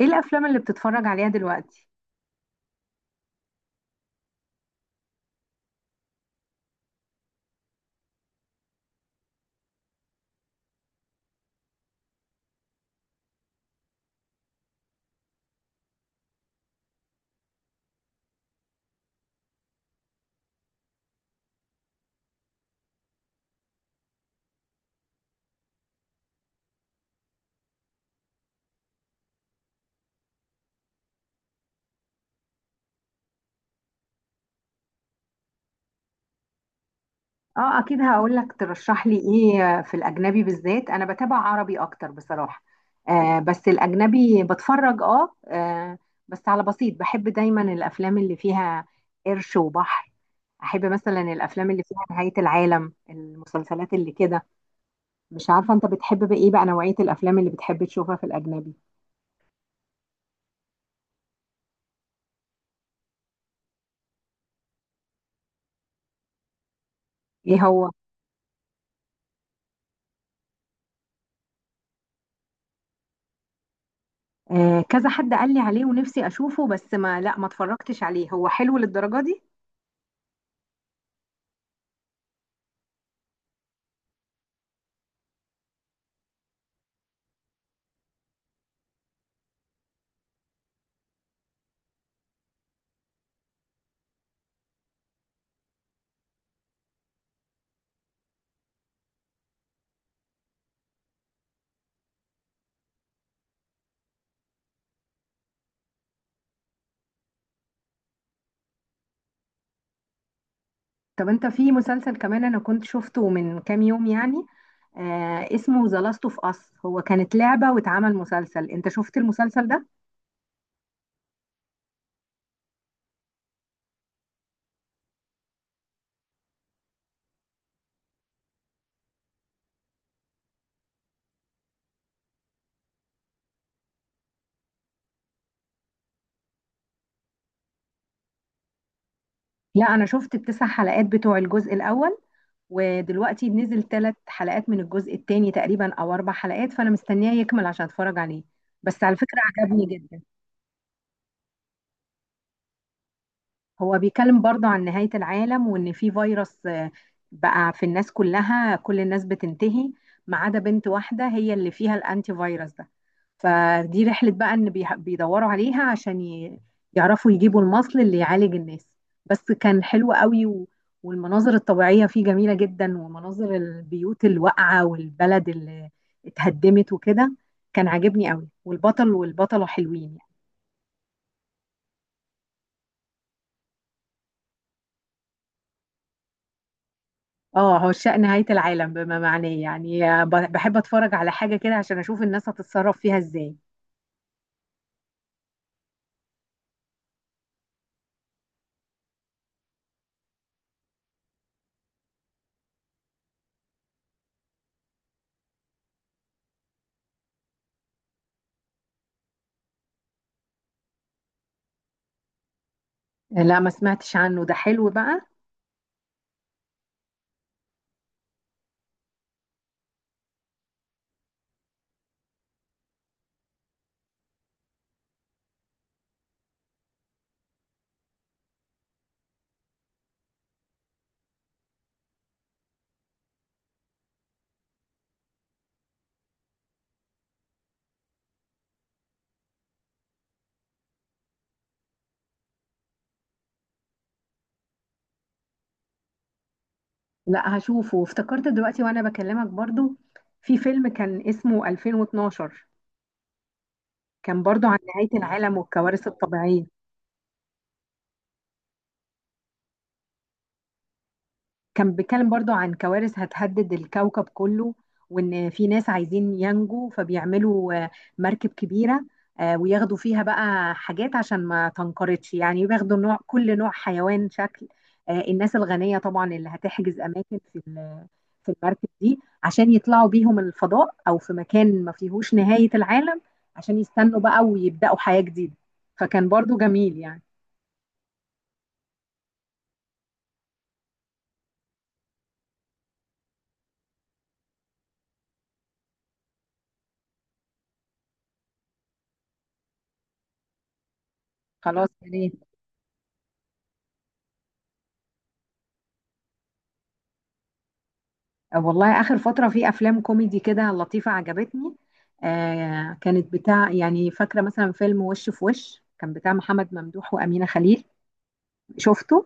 ايه الافلام اللي بتتفرج عليها دلوقتي؟ اه، اكيد هقول لك ترشح لي ايه في الاجنبي، بالذات انا بتابع عربي اكتر بصراحة. آه، بس الاجنبي بتفرج بس على بسيط. بحب دايما الافلام اللي فيها قرش وبحر، احب مثلا الافلام اللي فيها نهاية العالم، المسلسلات اللي كده. مش عارفة انت بتحب بقى ايه بقى نوعية الافلام اللي بتحب تشوفها في الاجنبي؟ ايه هو؟ آه، كذا حد قال لي عليه ونفسي اشوفه، بس ما لا ما اتفرجتش عليه. هو حلو للدرجة دي؟ طب انت، في مسلسل كمان انا كنت شفته من كام يوم يعني، آه اسمه ذا لاست اوف اس، هو كانت لعبة واتعمل مسلسل، انت شفت المسلسل ده؟ لا، انا شفت التسع حلقات بتوع الجزء الاول، ودلوقتي نزل ثلاث حلقات من الجزء الثاني تقريبا او اربع حلقات، فانا مستنياه يكمل عشان اتفرج عليه. بس على فكرة عجبني جدا. هو بيتكلم برضه عن نهاية العالم، وإن في فيروس بقى في الناس كلها، كل الناس بتنتهي ما عدا بنت واحدة هي اللي فيها الأنتي فيروس ده. فدي رحلة بقى إن بيدوروا عليها عشان يعرفوا يجيبوا المصل اللي يعالج الناس. بس كان حلو قوي والمناظر الطبيعية فيه جميلة جدا، ومناظر البيوت الواقعة والبلد اللي اتهدمت وكده. كان عاجبني قوي، والبطل والبطلة حلوين يعني. اه، عشاق نهاية العالم بما معناه، يعني بحب اتفرج على حاجة كده عشان اشوف الناس هتتصرف فيها ازاي. لا ما سمعتش عنه، ده حلو بقى. لا هشوفه. افتكرت دلوقتي وانا بكلمك برضو في فيلم كان اسمه 2012، كان برضو عن نهاية العالم والكوارث الطبيعية. كان بيتكلم برضو عن كوارث هتهدد الكوكب كله، وان في ناس عايزين ينجوا فبيعملوا مركب كبيرة، وياخدوا فيها بقى حاجات عشان ما تنقرضش، يعني بياخدوا نوع كل نوع حيوان شكل. الناس الغنية طبعا اللي هتحجز أماكن في في المركب دي عشان يطلعوا بيهم الفضاء، أو في مكان ما فيهوش نهاية العالم، عشان يستنوا بقى ويبدأوا حياة جديدة. فكان برضو جميل يعني. خلاص يعني. والله آخر فترة في أفلام كوميدي كده لطيفة عجبتني. آه، كانت بتاع يعني، فاكرة مثلا فيلم وش في وش كان بتاع محمد ممدوح وأمينة خليل، شفته؟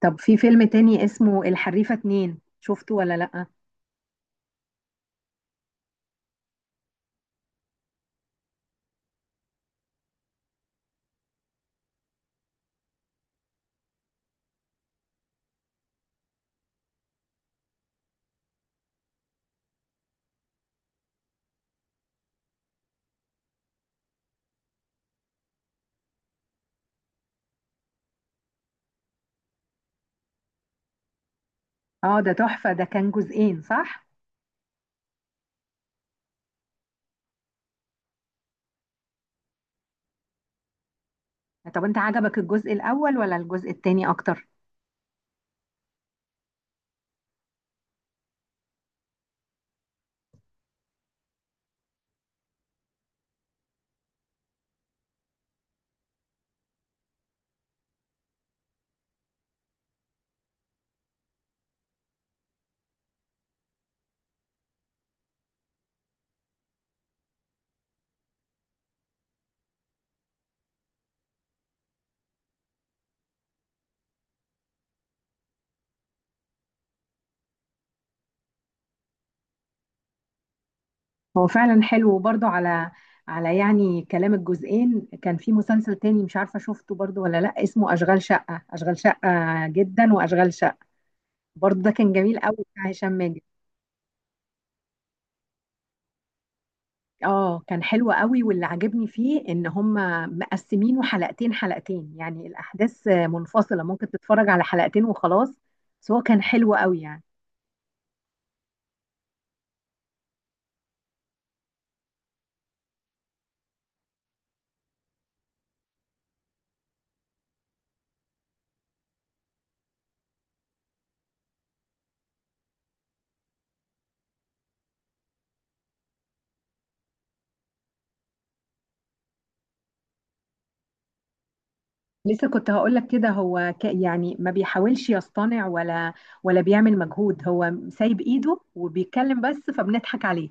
طب في فيلم تاني اسمه الحريفة اتنين، شفته ولا لأ؟ اه، ده تحفة، ده كان جزئين صح؟ طب أنت عجبك الجزء الأول ولا الجزء التاني أكتر؟ هو فعلا حلو، وبرضه على على يعني كلام الجزئين، كان في مسلسل تاني مش عارفة شفته برضه ولا لأ، اسمه أشغال شقة، أشغال شقة جدا، وأشغال شقة برضه، ده كان جميل قوي بتاع هشام ماجد. اه، كان حلو قوي، واللي عجبني فيه ان هم مقسمينه حلقتين حلقتين، يعني الاحداث منفصله، ممكن تتفرج على حلقتين وخلاص. بس هو كان حلو قوي يعني. لسه كنت هقول لك كده، هو يعني ما بيحاولش يصطنع، ولا ولا بيعمل مجهود، هو سايب ايده وبيتكلم بس فبنضحك عليه.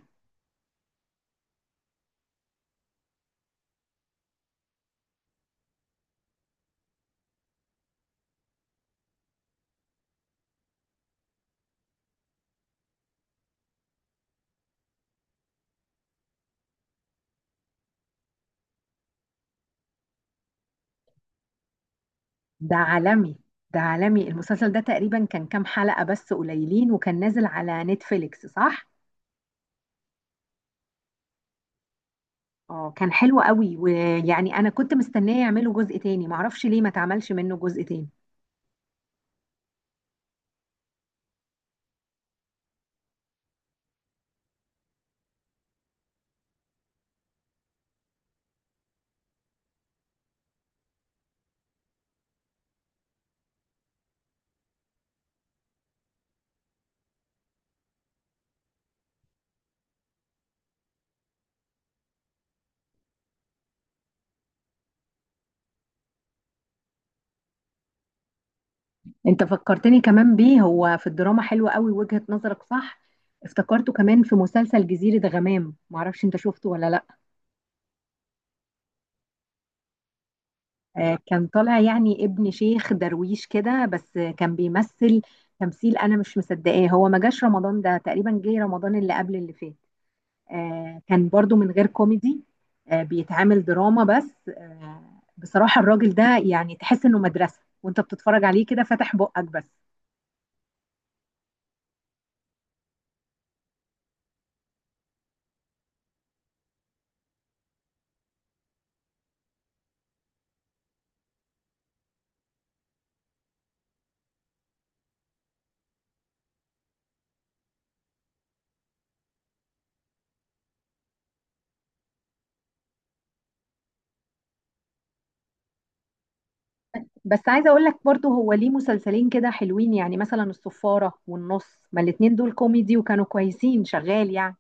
ده عالمي، ده عالمي. المسلسل ده تقريبا كان كام حلقه بس، قليلين، وكان نازل على نتفليكس صح؟ اه، كان حلو قوي، ويعني انا كنت مستنيه يعملوا جزء تاني، معرفش ليه ما اتعملش منه جزء تاني. انت فكرتني كمان بيه، هو في الدراما حلو قوي، وجهة نظرك صح. افتكرته كمان في مسلسل جزيرة غمام، معرفش انت شفته ولا لا. آه، كان طالع يعني ابن شيخ درويش كده، بس كان بيمثل تمثيل انا مش مصدقاه. هو ما جاش رمضان ده، تقريبا جه رمضان اللي قبل اللي فات. كان برضو من غير كوميدي، بيتعامل دراما بس. بصراحة الراجل ده يعني تحس انه مدرسة وانت بتتفرج عليه كده فاتح بقك بس. بس عايزة اقول لك برضو، هو ليه مسلسلين كده حلوين يعني، مثلا الصفارة والنص، ما الاتنين دول كوميدي وكانوا كويسين شغال يعني.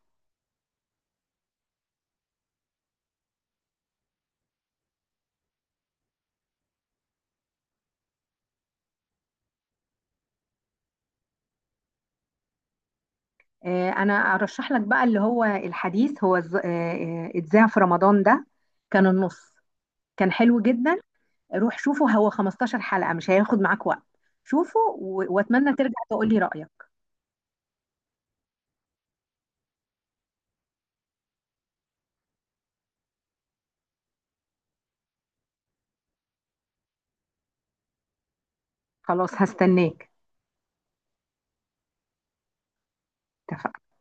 انا ارشح لك بقى اللي هو الحديث، هو اتذاع في رمضان ده. كان النص كان حلو جدا. روح شوفه، هو 15 حلقة مش هياخد معاك وقت. شوفه واتمنى ترجع تقولي رأيك. خلاص هستناك. اتفقنا.